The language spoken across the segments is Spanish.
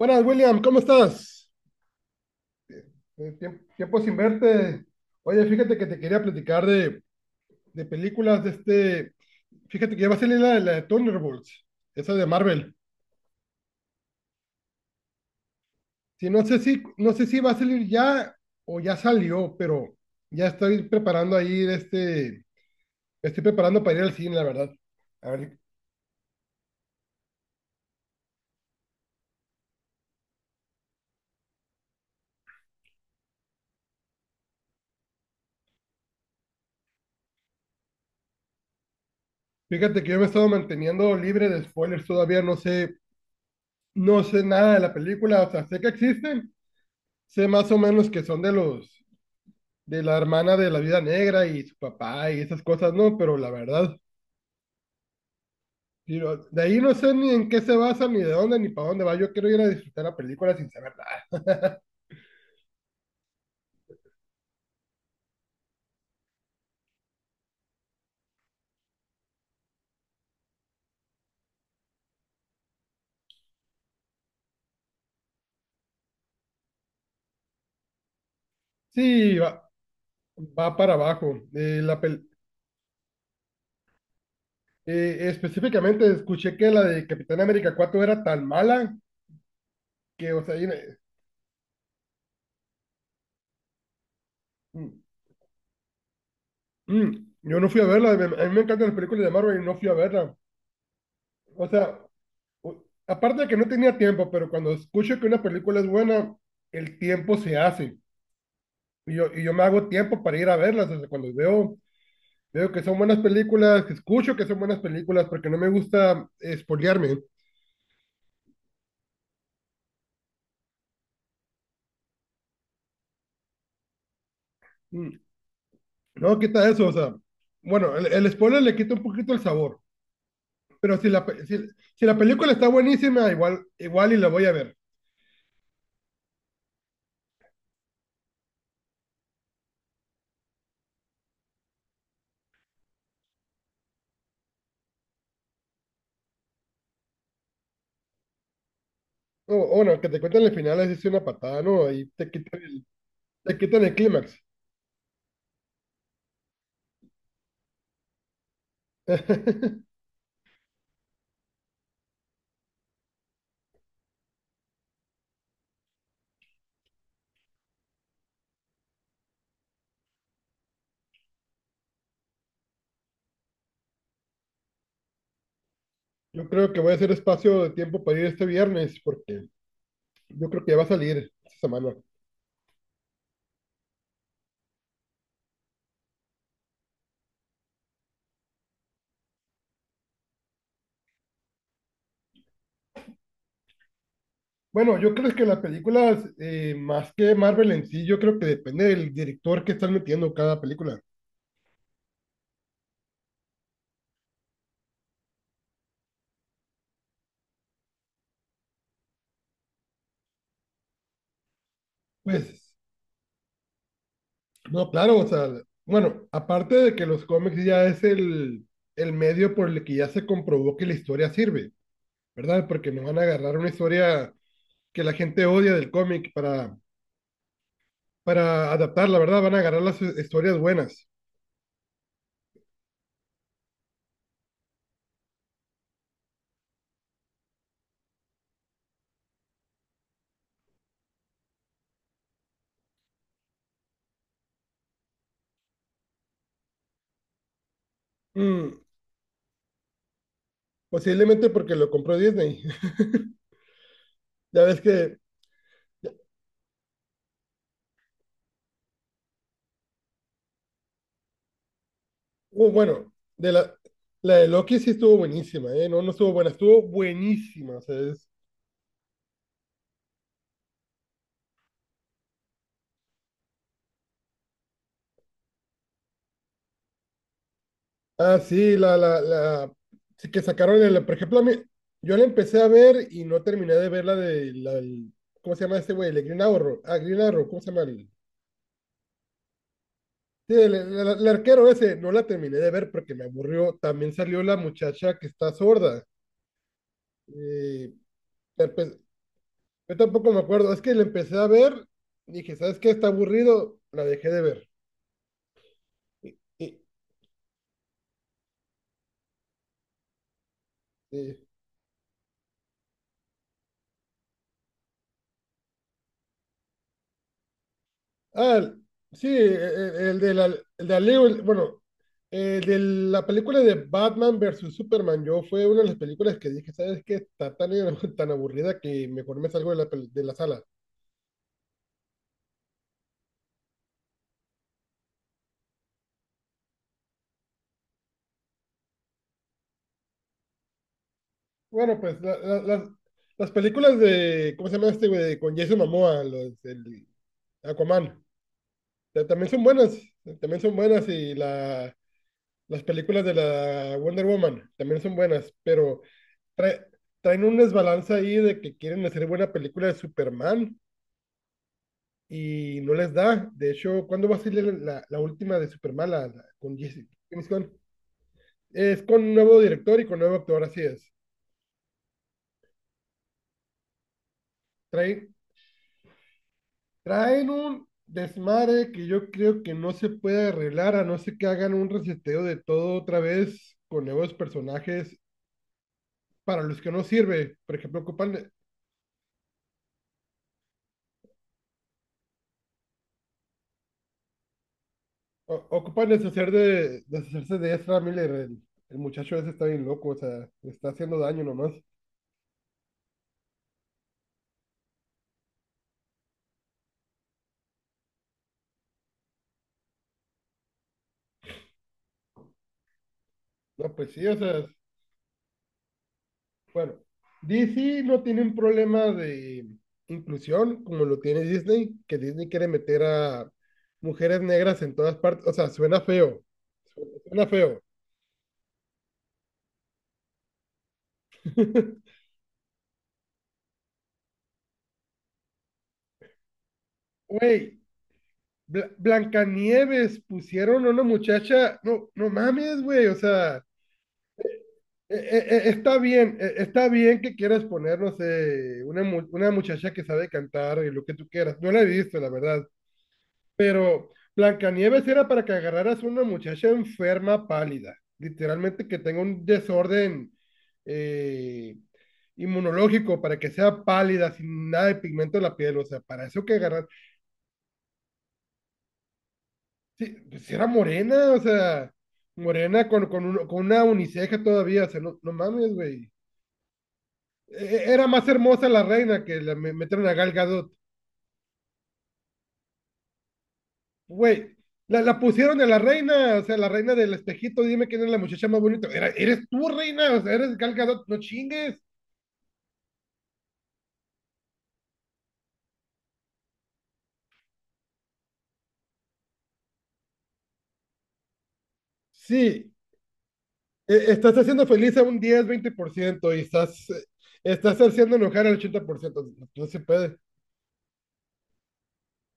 Buenas, William, ¿cómo estás? Tiempo sin verte. Oye, fíjate que te quería platicar de películas de este. Fíjate que ya va a salir la de Thunderbolts, esa de Marvel. Sí, no sé si va a salir ya o ya salió, pero ya estoy preparando ahí de. Me Estoy preparando para ir al cine, la verdad. A ver, fíjate que yo me he estado manteniendo libre de spoilers todavía, no sé, no sé nada de la película, o sea, sé que existen, sé más o menos que son de los de la hermana de la vida negra y su papá y esas cosas, no, pero la verdad, digo, de ahí no sé ni en qué se basa, ni de dónde, ni para dónde va. Yo quiero ir a disfrutar la película sin saber nada. Sí, va, va para abajo. Eh, la pel- Específicamente escuché que la de Capitán América 4 era tan mala que, o sea, mm, yo no fui a verla. A mí me encantan las películas de Marvel y no fui a verla. O sea, aparte de que no tenía tiempo, pero cuando escucho que una película es buena, el tiempo se hace. Y yo me hago tiempo para ir a verlas. O sea, cuando veo, veo que son buenas películas, que escucho que son buenas películas, porque no me gusta espolearme. Mm, No, quita eso, o sea, bueno, el spoiler le quita un poquito el sabor, pero si la película está buenísima, igual, igual y la voy a ver. O no, que te cuenten el final es una patada, ¿no? Ahí te quitan te quitan el clímax. Yo creo que voy a hacer espacio de tiempo para ir este viernes, porque yo creo que ya va a salir esta semana. Bueno, yo creo que las películas, más que Marvel en sí, yo creo que depende del director que están metiendo cada película. Pues, no, claro, o sea, bueno, aparte de que los cómics ya es el medio por el que ya se comprobó que la historia sirve, ¿verdad? Porque no van a agarrar una historia que la gente odia del cómic para adaptarla, ¿verdad? Van a agarrar las historias buenas. Mm, posiblemente porque lo compró Disney. Ya ves que bueno, de la de Loki sí estuvo buenísima, ¿eh? No, no estuvo buena, estuvo buenísima. O sea, Ah, sí, la sí que sacaron el, por ejemplo, a mí, yo la empecé a ver y no terminé de ver la de ¿cómo se llama este güey? El de Green Arrow, ah, Green Arrow, ¿cómo se llama? El, sí, el arquero ese, no la terminé de ver porque me aburrió. También salió la muchacha que está sorda. eh, pero pues, yo tampoco me acuerdo, es que la empecé a ver, dije, ¿sabes qué? Está aburrido, la dejé de ver. Y- Ah, sí, el de la, el de Aleo, bueno, el de la película de Batman versus Superman, yo fue una de las películas que dije, ¿sabes qué? Está tan, tan aburrida que mejor me salgo de de la sala. Bueno, pues las películas de, ¿cómo se llama este güey? Con Jason Momoa, los, el Aquaman, ta- también son buenas, también son buenas y la... Las películas de la Wonder Woman también son buenas, pero trae- traen un desbalance ahí de que quieren hacer buena película de Superman y no les da. De hecho, ¿cuándo va a salir la última de Superman con Jesse James Gunn? Es con un nuevo director y con nuevo actor, así es. Traen, traen un desmadre que yo creo que no se puede arreglar a no ser que hagan un reseteo de todo otra vez con nuevos personajes para los que no sirve. Por ejemplo, ocupan Ocupan deshacerse de Ezra Miller. El muchacho ese está bien loco, o sea, le está haciendo daño nomás. No, pues sí, o sea, bueno, DC no tiene un problema de inclusión como lo tiene Disney, que Disney quiere meter a mujeres negras en todas partes. O sea, suena feo. Suena feo. Güey, Blancanieves pusieron a una muchacha. No, no mames, güey, o sea. Eh, eh, está bien que quieras poner, no sé, una muchacha que sabe cantar y lo que tú quieras. No la he visto, la verdad. Pero Blancanieves era para que agarraras una muchacha enferma, pálida. Literalmente que tenga un desorden eh, inmunológico para que sea pálida, sin nada de pigmento en la piel. O sea, para eso que agarrar. Sí, pues era morena, o sea, morena con una uniceja todavía. O sea, no, no mames, güey. Era más hermosa la reina que la metieron a Gal Gadot. Güey, la pusieron a la reina, o sea, la reina del espejito, dime quién es la muchacha más bonita. Eres tú, reina, o sea, eres Gal Gadot, no chingues. Sí, estás haciendo feliz a un 10 20% y estás, estás haciendo enojar al 80%. No se puede.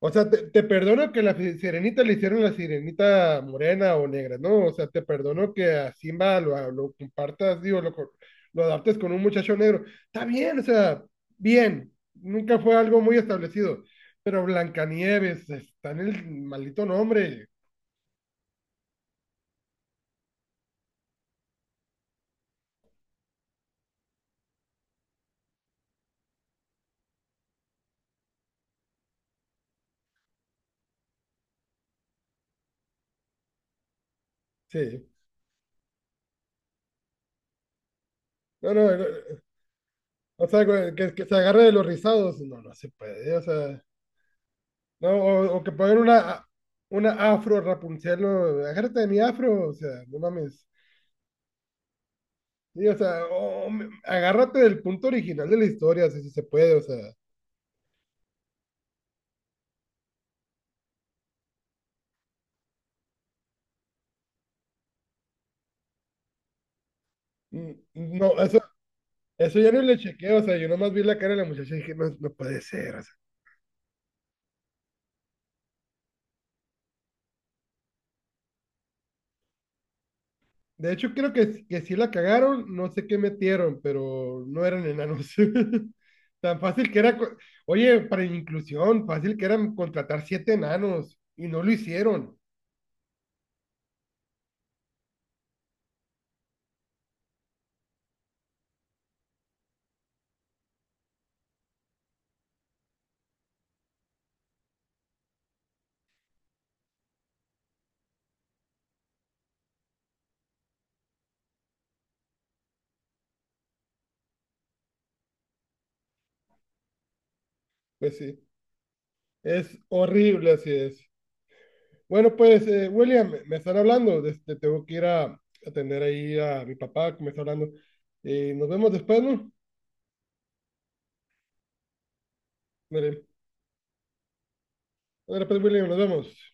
O sea, te perdono que la sirenita le hicieron la sirenita morena o negra, ¿no? O sea, te perdono que a Simba lo compartas, digo, lo adaptes con un muchacho negro. Está bien, o sea, bien. Nunca fue algo muy establecido. Pero Blancanieves, está en el maldito nombre. Sí. No, no, no, o sea, güey, que se agarre de los rizados. No, no se puede, o sea. No, o que pongan una afro Rapunzel, no, agárrate de mi afro, o sea, no mames. Sí, o sea, agárrate del punto original de la historia, o sea, si se puede, o sea. No, eso ya no le chequeé, o sea, yo nomás vi la cara de la muchacha y dije, no, no puede ser, o sea. De hecho, creo que sí la cagaron, no sé qué metieron, pero no eran enanos. Tan fácil que era, oye, para inclusión, fácil que era contratar 7 enanos y no lo hicieron. Pues sí, es horrible, así es. Bueno, pues, William, me están hablando. Tengo que ir a atender ahí a mi papá que me está hablando. Nos vemos después, ¿no? Dale, dale, pues, William, nos vemos.